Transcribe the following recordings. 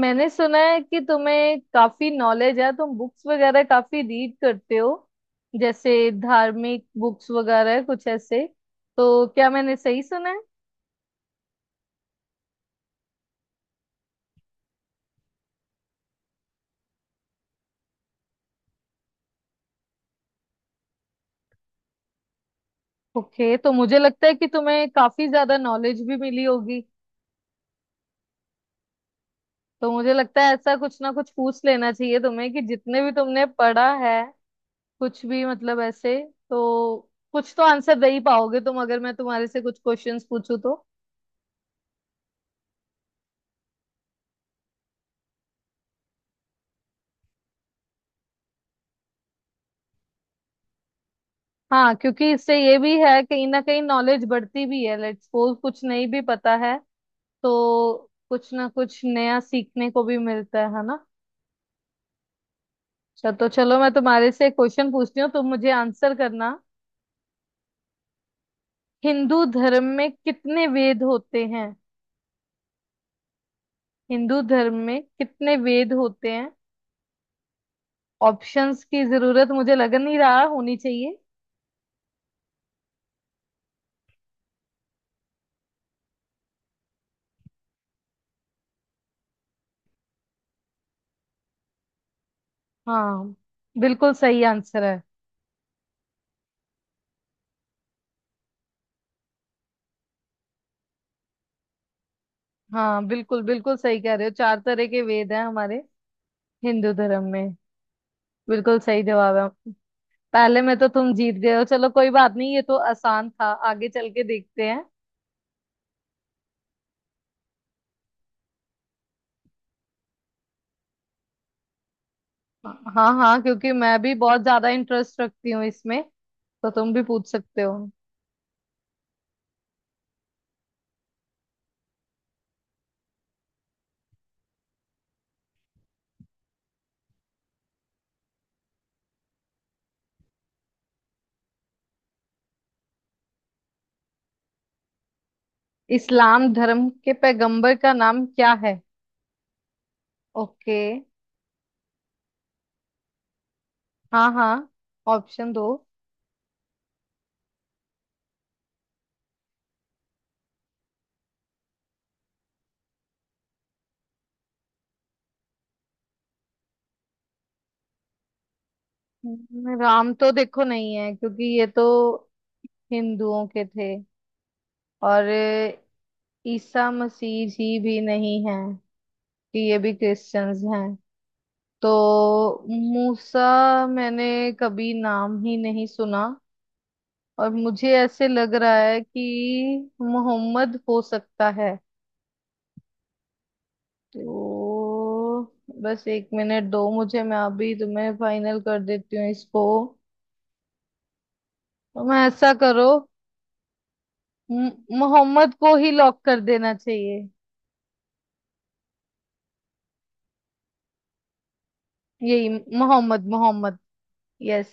मैंने सुना है कि तुम्हें काफी नॉलेज है। तुम बुक्स वगैरह काफी रीड करते हो, जैसे धार्मिक बुक्स वगैरह कुछ ऐसे। तो क्या मैंने सही सुना है? ओके, तो मुझे लगता है कि तुम्हें काफी ज्यादा नॉलेज भी मिली होगी। तो मुझे लगता है ऐसा कुछ ना कुछ पूछ लेना चाहिए तुम्हें कि जितने भी तुमने पढ़ा है, कुछ भी मतलब ऐसे। तो कुछ तो आंसर दे ही पाओगे तुम अगर मैं तुम्हारे से कुछ क्वेश्चंस पूछूं तो। हाँ, क्योंकि इससे ये भी है कहीं ना कहीं नॉलेज बढ़ती भी है। लेट्स सपोज कुछ नहीं भी पता है, तो कुछ ना कुछ नया सीखने को भी मिलता है ना। अच्छा, तो चलो मैं तुम्हारे से क्वेश्चन पूछती हूँ, तुम मुझे आंसर करना। हिंदू धर्म में कितने वेद होते हैं? हिंदू धर्म में कितने वेद होते हैं? ऑप्शंस की जरूरत मुझे लग नहीं रहा होनी चाहिए। हाँ, बिल्कुल सही आंसर है। हाँ बिल्कुल, बिल्कुल सही कह रहे हो, चार तरह के वेद हैं हमारे हिंदू धर्म में। बिल्कुल सही जवाब है। पहले में तो तुम जीत गए हो, चलो कोई बात नहीं, ये तो आसान था। आगे चल के देखते हैं। हाँ हाँ, क्योंकि मैं भी बहुत ज्यादा इंटरेस्ट रखती हूँ इसमें। तो तुम भी पूछ सकते हो। इस्लाम धर्म के पैगंबर का नाम क्या है? ओके। हाँ हाँ, ऑप्शन दो। राम तो देखो नहीं है क्योंकि ये तो हिंदुओं के थे। और ईसा मसीह जी भी नहीं है कि ये भी क्रिश्चियंस हैं। तो मूसा, मैंने कभी नाम ही नहीं सुना। और मुझे ऐसे लग रहा है कि मोहम्मद हो सकता है। तो बस एक मिनट दो मुझे, मैं अभी तुम्हें फाइनल कर देती हूँ इसको। तो मैं ऐसा करो, म- मोहम्मद को ही लॉक कर देना चाहिए। यही, मोहम्मद। मोहम्मद, यस।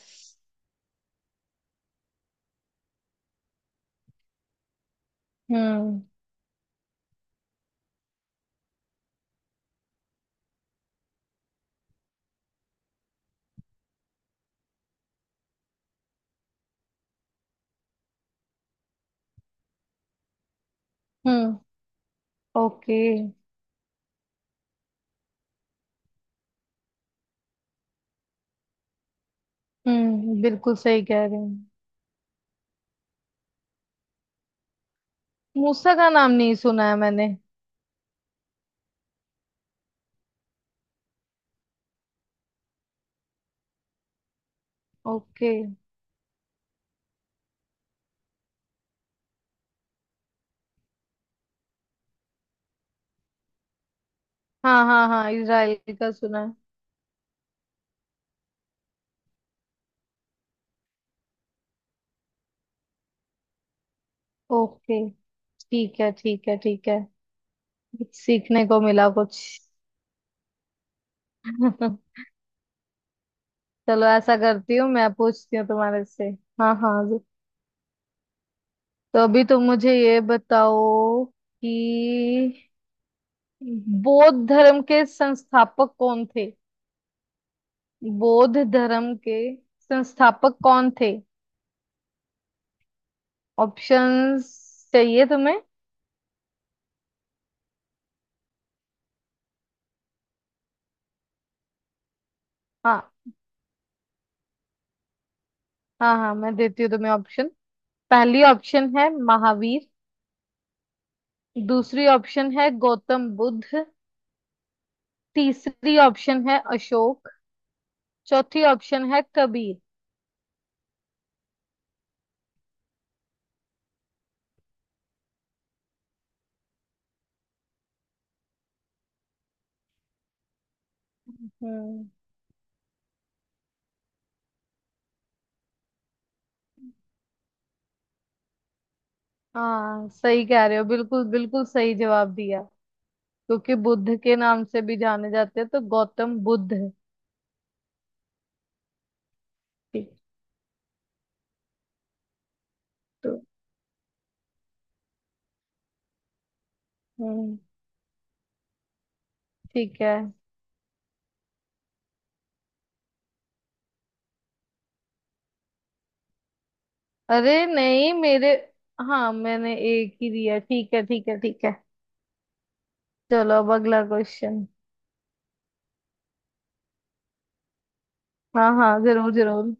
हम्म। हम्म। ओके। हम्म, बिल्कुल सही कह रहे हैं। मूसा का नाम नहीं सुना है मैंने। ओके। हाँ हाँ हाँ, इजराइल का सुना है। ओके। ठीक है ठीक है ठीक है। कुछ सीखने को मिला कुछ। चलो ऐसा करती हूँ, मैं पूछती हूँ तुम्हारे से। हाँ हाँ जी। तो अभी तुम मुझे ये बताओ कि बौद्ध धर्म के संस्थापक कौन थे? बौद्ध धर्म के संस्थापक कौन थे? ऑप्शंस चाहिए तुम्हें? हाँ हाँ, हाँ मैं देती हूँ तुम्हें ऑप्शन। पहली ऑप्शन है महावीर। दूसरी ऑप्शन है गौतम बुद्ध। तीसरी ऑप्शन है अशोक। चौथी ऑप्शन है कबीर। हम्म। हाँ सही कह रहे हो, बिल्कुल बिल्कुल सही जवाब दिया। क्योंकि बुद्ध के नाम से भी जाने जाते हैं तो गौतम बुद्ध। ठीक। तो हम्म, ठीक है। अरे नहीं मेरे, हाँ मैंने एक ही दिया। ठीक है ठीक है ठीक है। चलो अब अगला क्वेश्चन। हाँ हाँ, जरूर जरूर।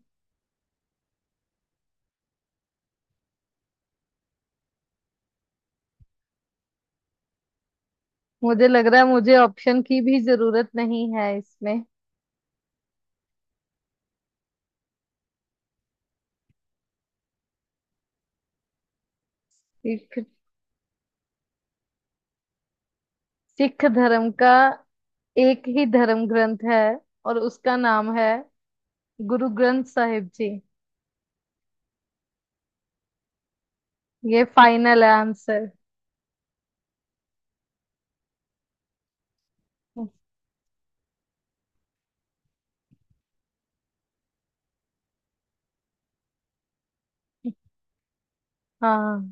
मुझे लग रहा है मुझे ऑप्शन की भी जरूरत नहीं है इसमें। सिख धर्म का एक ही धर्म ग्रंथ है, और उसका नाम है गुरु ग्रंथ साहिब जी। ये फाइनल है आंसर। हाँ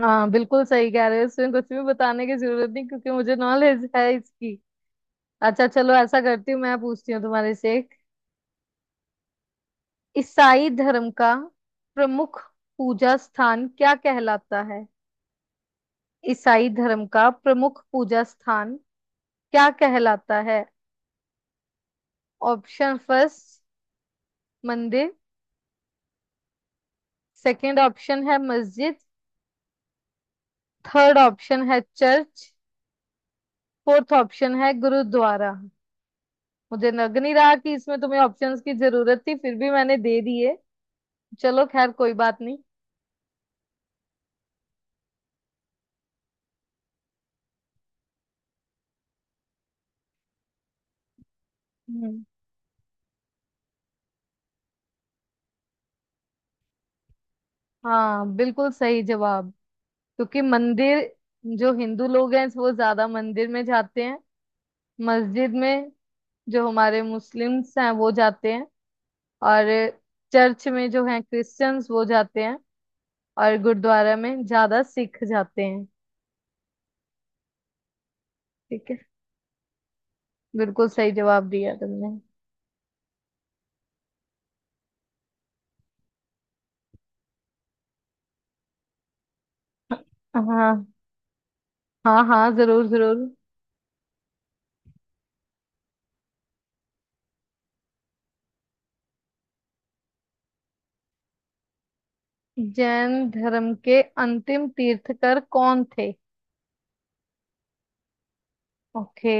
हाँ, बिल्कुल सही कह रहे हो, इसमें कुछ भी बताने की जरूरत नहीं क्योंकि मुझे नॉलेज है इसकी। अच्छा चलो ऐसा करती हूँ, मैं पूछती हूँ तुम्हारे से एक। ईसाई धर्म का प्रमुख पूजा स्थान क्या कहलाता है? ईसाई धर्म का प्रमुख पूजा स्थान क्या कहलाता है? ऑप्शन फर्स्ट मंदिर। सेकंड ऑप्शन है मस्जिद। थर्ड ऑप्शन है चर्च। फोर्थ ऑप्शन है गुरुद्वारा। मुझे लग नहीं रहा कि इसमें तुम्हें ऑप्शंस की जरूरत थी, फिर भी मैंने दे दिए। चलो खैर कोई बात नहीं। हम्म, हाँ बिल्कुल सही जवाब। क्योंकि मंदिर जो हिंदू लोग हैं वो ज्यादा मंदिर में जाते हैं। मस्जिद में जो हमारे मुस्लिम्स हैं वो जाते हैं। और चर्च में जो हैं क्रिश्चियंस वो जाते हैं। और गुरुद्वारा में ज्यादा सिख जाते हैं। ठीक है। बिल्कुल सही जवाब दिया तुमने। हाँ हाँ। हाँ जरूर जरूर। जैन धर्म के अंतिम तीर्थकर कौन थे? ओके।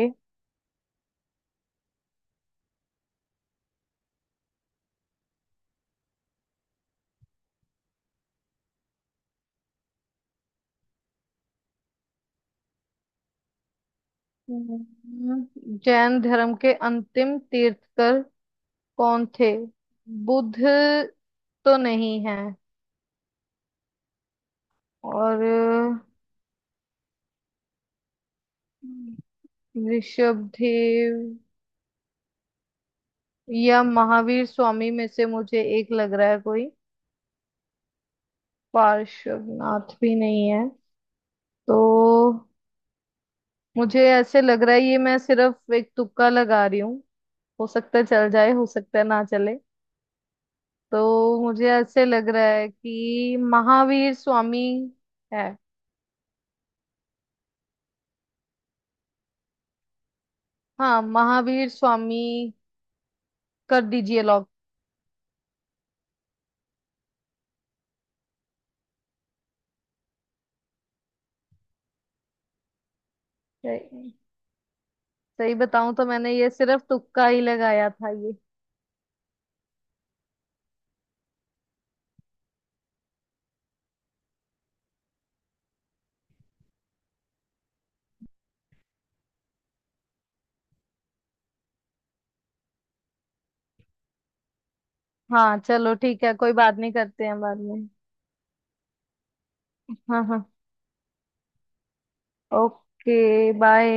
जैन धर्म के अंतिम तीर्थकर कौन थे? बुद्ध तो नहीं है। और ऋषभदेव या महावीर स्वामी में से मुझे एक लग रहा है कोई। पार्श्वनाथ भी नहीं है। तो मुझे ऐसे लग रहा है, ये मैं सिर्फ एक तुक्का लगा रही हूँ। हो सकता है चल जाए, हो सकता है ना चले। तो मुझे ऐसे लग रहा है कि महावीर स्वामी है। हाँ महावीर स्वामी, कर दीजिए लॉक। सही। सही बताऊं तो मैंने ये सिर्फ तुक्का ही लगाया था ये। हाँ चलो ठीक है, कोई बात नहीं, करते हैं बाद में। हाँ हाँ। Okay bye.